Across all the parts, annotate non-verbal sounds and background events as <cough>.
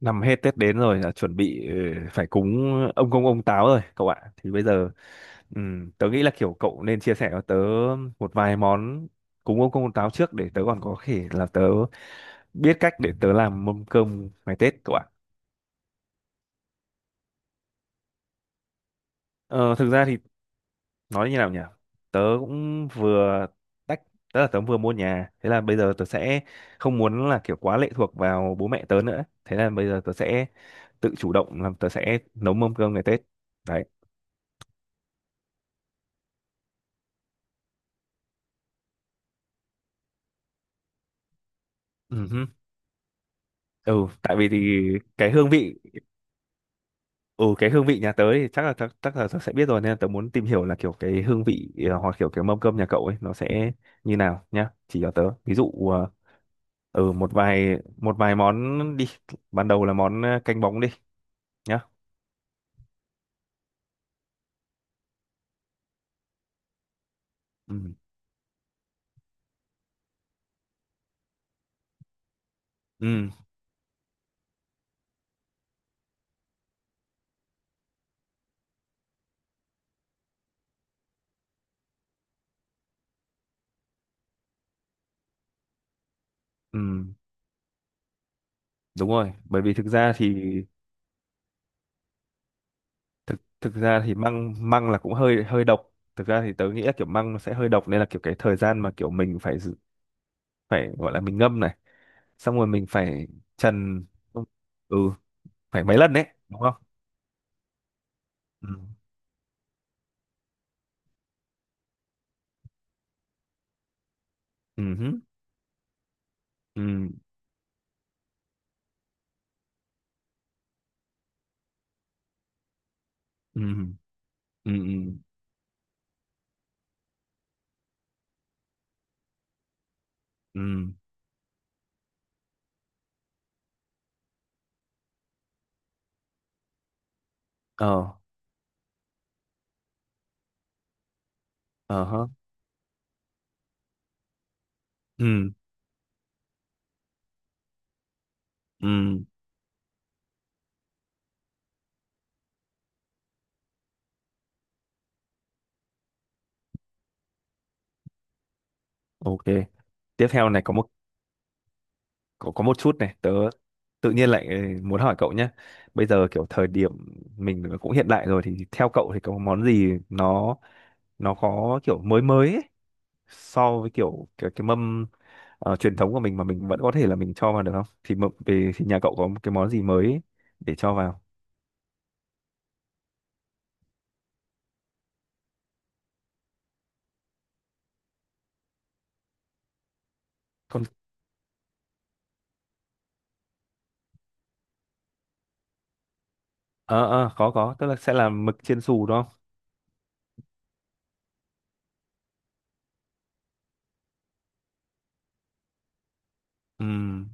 Năm hết Tết đến rồi là chuẩn bị phải cúng ông Công ông Táo rồi cậu ạ. Thì bây giờ tớ nghĩ là kiểu cậu nên chia sẻ cho tớ một vài món cúng ông Công ông Táo trước để tớ còn có thể là tớ biết cách để tớ làm mâm cơm ngày Tết cậu ạ. Ờ, Thực ra thì nói như nào nhỉ? Tớ cũng vừa tách tớ vừa mua nhà, thế là bây giờ tớ sẽ không muốn là kiểu quá lệ thuộc vào bố mẹ tớ nữa, thế là bây giờ tớ sẽ tự chủ động làm, tớ sẽ nấu mâm cơm ngày Tết đấy. Ừ. ừ tại vì thì cái hương vị, ừ cái hương vị nhà tớ thì chắc là tớ sẽ biết rồi, nên là tớ muốn tìm hiểu là kiểu cái hương vị hoặc kiểu cái mâm cơm nhà cậu ấy nó sẽ như nào, nhá, chỉ cho tớ ví dụ một vài món đi. Ban đầu là món canh bóng đi nhá. Ừ. Ừ. Ừ, đúng rồi, bởi vì thực ra thì thực thực ra thì măng măng là cũng hơi hơi độc. Thực ra thì tớ nghĩ là kiểu măng nó sẽ hơi độc, nên là kiểu cái thời gian mà kiểu mình phải giữ- phải gọi là mình ngâm này, xong rồi mình phải trần. Ừ, phải mấy lần đấy đúng không. Ừ. Ừ hứ. Ừ. Ừ. Ừ. Ừ. Ừ. Ờ. Ờ hớ. Ừ. Ừ. Ok, tiếp theo này có một- có một chút này tớ tự nhiên lại muốn hỏi cậu nhé. Bây giờ kiểu thời điểm mình cũng hiện đại rồi thì theo cậu thì có món gì nó có kiểu mới mới ấy, so với kiểu cái mâm truyền thống của mình mà mình vẫn có thể là mình cho vào được không? Thì mợ- về thì nhà cậu có một cái món gì mới ấy để cho vào? Con- ờ có, tức là sẽ là mực chiên xù đúng không? Ừm.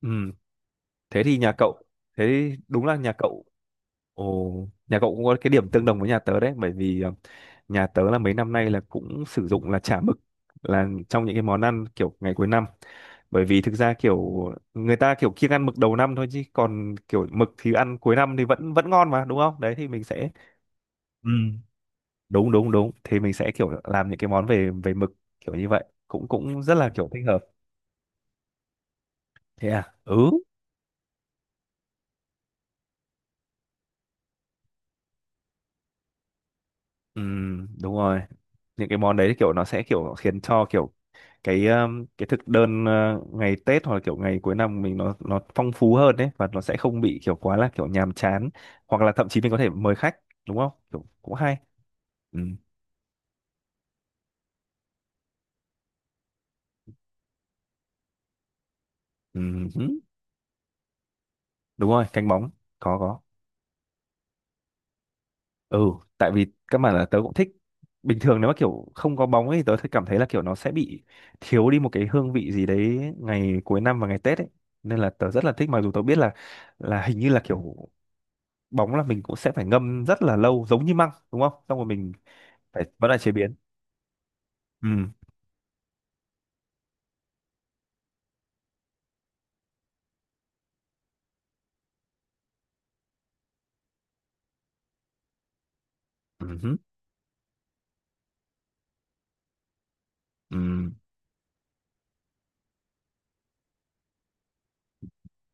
Ừm, thế thì nhà cậu- thế thì đúng là nhà cậu- ồ, nhà cậu cũng có cái điểm tương đồng với nhà tớ đấy, bởi vì nhà tớ là mấy năm nay là cũng sử dụng là chả mực, là trong những cái món ăn kiểu ngày cuối năm, bởi vì thực ra kiểu người ta kiểu kiêng ăn mực đầu năm thôi, chứ còn kiểu mực thì ăn cuối năm thì vẫn vẫn ngon mà đúng không, đấy thì mình sẽ- Ừ. Đúng đúng đúng thì mình sẽ kiểu làm những cái món về về mực kiểu như vậy cũng cũng rất là kiểu thích hợp. Thế à. Ừ. Đúng rồi, những cái món đấy kiểu nó sẽ kiểu khiến cho kiểu cái thực đơn ngày Tết hoặc là kiểu ngày cuối năm mình nó phong phú hơn đấy, và nó sẽ không bị kiểu quá là kiểu nhàm chán, hoặc là thậm chí mình có thể mời khách đúng không, kiểu cũng hay. Ừm. Ừm hứ. Đúng rồi, canh bóng. Có, có. Ừ, tại vì các bạn là tớ cũng thích, bình thường nếu mà kiểu không có bóng ấy tớ thấy cảm thấy là kiểu nó sẽ bị thiếu đi một cái hương vị gì đấy ngày cuối năm và ngày Tết ấy, nên là tớ rất là thích, mặc dù tớ biết là hình như là kiểu bóng là mình cũng sẽ phải ngâm rất là lâu giống như măng đúng không, xong rồi mình phải vẫn là chế biến. Ừ. Ừ hứ. Ừ.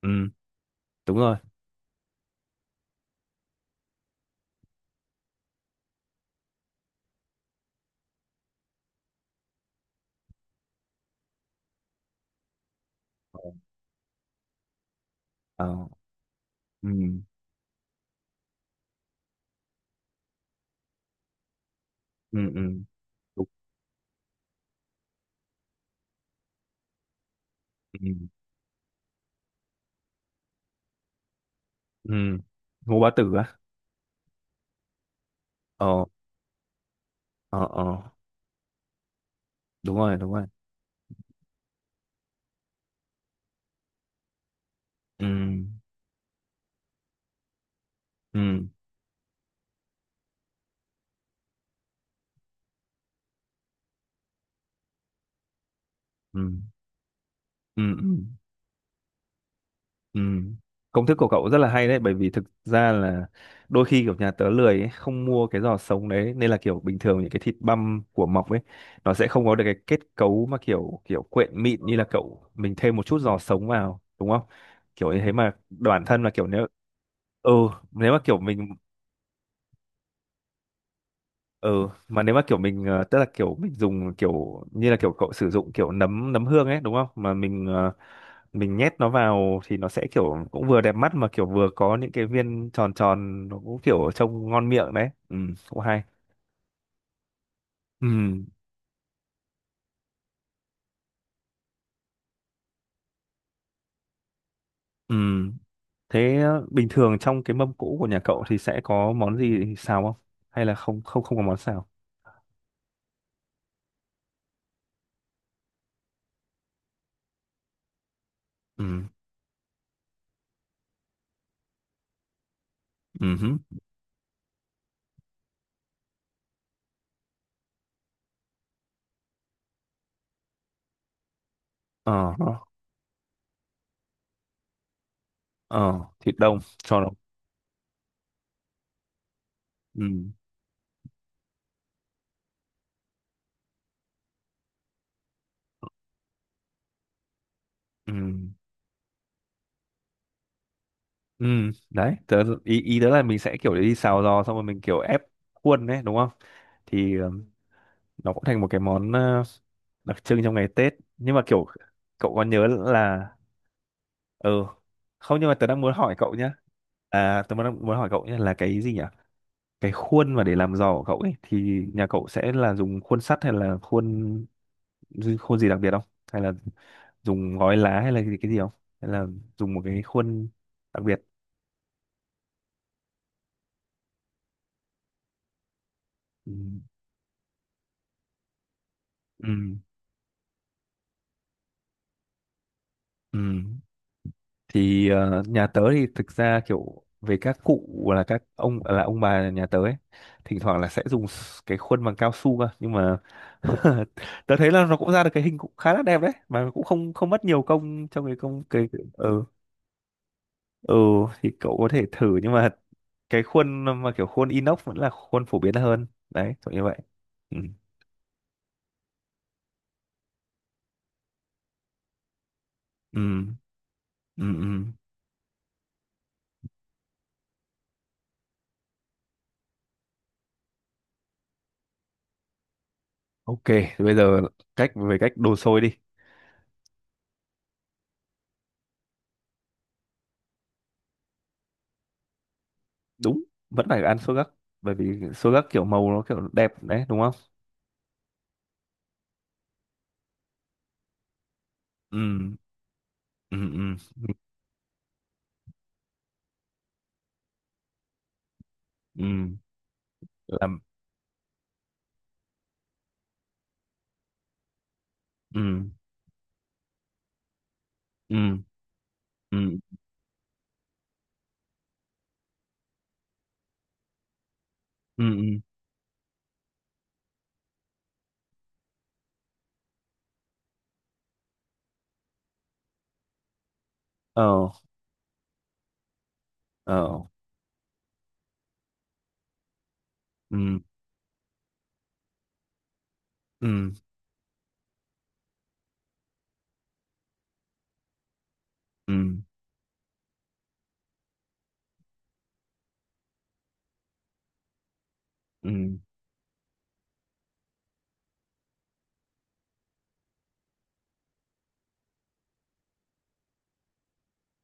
Ừ, đúng rồi. Ờ. Ừ. Ừ. Ừ. Đúng. Ừ. Ừ. Ngô bá tử á. Ờ. Ờ. Ờ, đúng rồi, ừ. Ừ. Ừ. Ừ, ừ, ừ. Công thức của cậu rất là hay đấy, bởi vì thực ra là đôi khi kiểu nhà tớ lười ấy, không mua cái giò sống đấy, nên là kiểu bình thường những cái thịt băm của mọc ấy nó sẽ không có được cái kết cấu mà kiểu kiểu quyện mịn, như là cậu mình thêm một chút giò sống vào đúng không, kiểu như thế, mà bản thân là kiểu nếu- Ừ. Nếu mà kiểu mình- ừ, mà nếu mà kiểu mình tức là kiểu mình dùng kiểu như là kiểu cậu sử dụng kiểu nấm nấm hương ấy đúng không, mà mình mình nhét nó vào thì nó sẽ kiểu cũng vừa đẹp mắt, mà kiểu vừa có những cái viên tròn tròn nó cũng kiểu trông ngon miệng đấy. Ừ, cũng hay. Ừ. Ừ. Thế bình thường trong cái mâm cỗ của nhà cậu thì sẽ có món gì xào không, hay là không không không có món xào. Ừ. Ừ hứ. Ờ. Ờ. Ờ, thịt đông, cho nó- ừ. Ừ. Ừ, đấy, tớ, ý, ý tớ là mình sẽ kiểu đi xào giò xong rồi mình kiểu ép khuôn đấy, đúng không? Thì nó cũng thành một cái món đặc trưng trong ngày Tết. Nhưng mà kiểu cậu có nhớ là... Ừ, không, nhưng mà tớ đang muốn hỏi cậu nhá. À, tớ muốn, muốn hỏi cậu nhá là cái gì nhỉ? Cái khuôn mà để làm giò của cậu ấy thì nhà cậu sẽ là dùng khuôn sắt hay là khuôn khuôn gì đặc biệt không? Hay là dùng gói lá hay là cái gì không? Hay là dùng một cái khuôn đặc biệt? Ừ. Ừ. Ừ. Thì nhà tớ thì thực ra kiểu về các cụ, là các ông là ông bà nhà tớ ấy, thỉnh thoảng là sẽ dùng s- cái khuôn bằng cao su cơ, nhưng mà <laughs> tớ thấy là nó cũng ra được cái hình cũng khá là đẹp đấy, mà cũng không không mất nhiều công trong cái công cái- ừ. Ừ. Thì cậu có thể thử, nhưng mà cái khuôn mà kiểu khuôn inox vẫn là khuôn phổ biến hơn đấy, kiểu như vậy. Ừ. Ừ. Ừ, ừ. Ok, bây giờ cách- về cách đồ xôi đi. Đúng, vẫn phải ăn xôi gấc, bởi vì xôi gấc kiểu màu nó kiểu đẹp đấy đúng không. Ừ. Ừ. Ừ. Ừ. Làm. Ừ. Ừ. Ừ. Ừ. Ừ. Ờ. Ờ. Ừ. Ừ. Ừ. Ừ.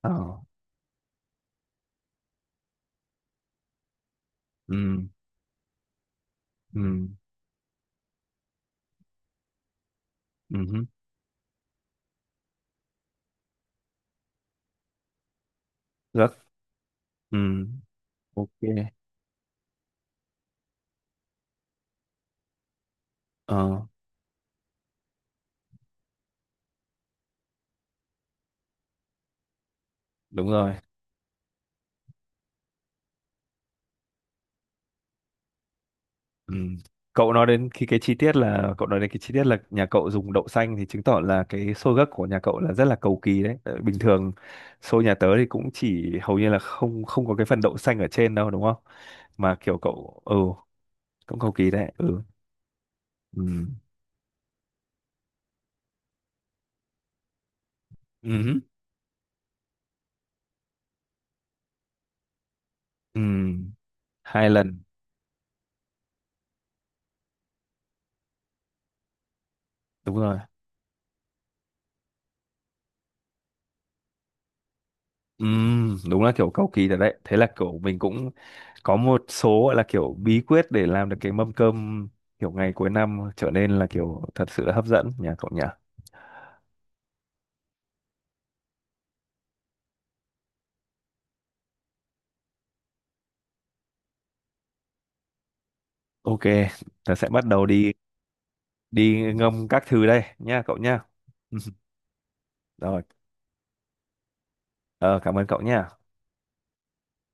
Ờ. Ừ. Ừ. Ừ hứ. Gấc. Ừ. Ok. Ờ, đúng rồi. Ừ. Cậu nói đến khi cái chi tiết, là cậu nói đến cái chi tiết là nhà cậu dùng đậu xanh thì chứng tỏ là cái xôi gấc của nhà cậu là rất là cầu kỳ đấy. Tại bình thường xôi nhà tớ thì cũng chỉ hầu như là không không có cái phần đậu xanh ở trên đâu đúng không? Mà kiểu cậu- ừ, cũng cầu kỳ đấy. Ừ. Ừ. Ừ. Ừ. Hai lần. Đúng rồi. Ừ. Đúng là kiểu cầu kỳ thật đấy. Thế là kiểu mình cũng có một số gọi là kiểu bí quyết để làm được cái mâm cơm kiểu ngày cuối năm trở nên là kiểu thật sự là hấp dẫn, nhà cậu nhỉ? Ok, tớ sẽ bắt đầu đi đi ngâm các thứ đây nha cậu nha. <laughs> Rồi, ờ, cảm ơn cậu nha.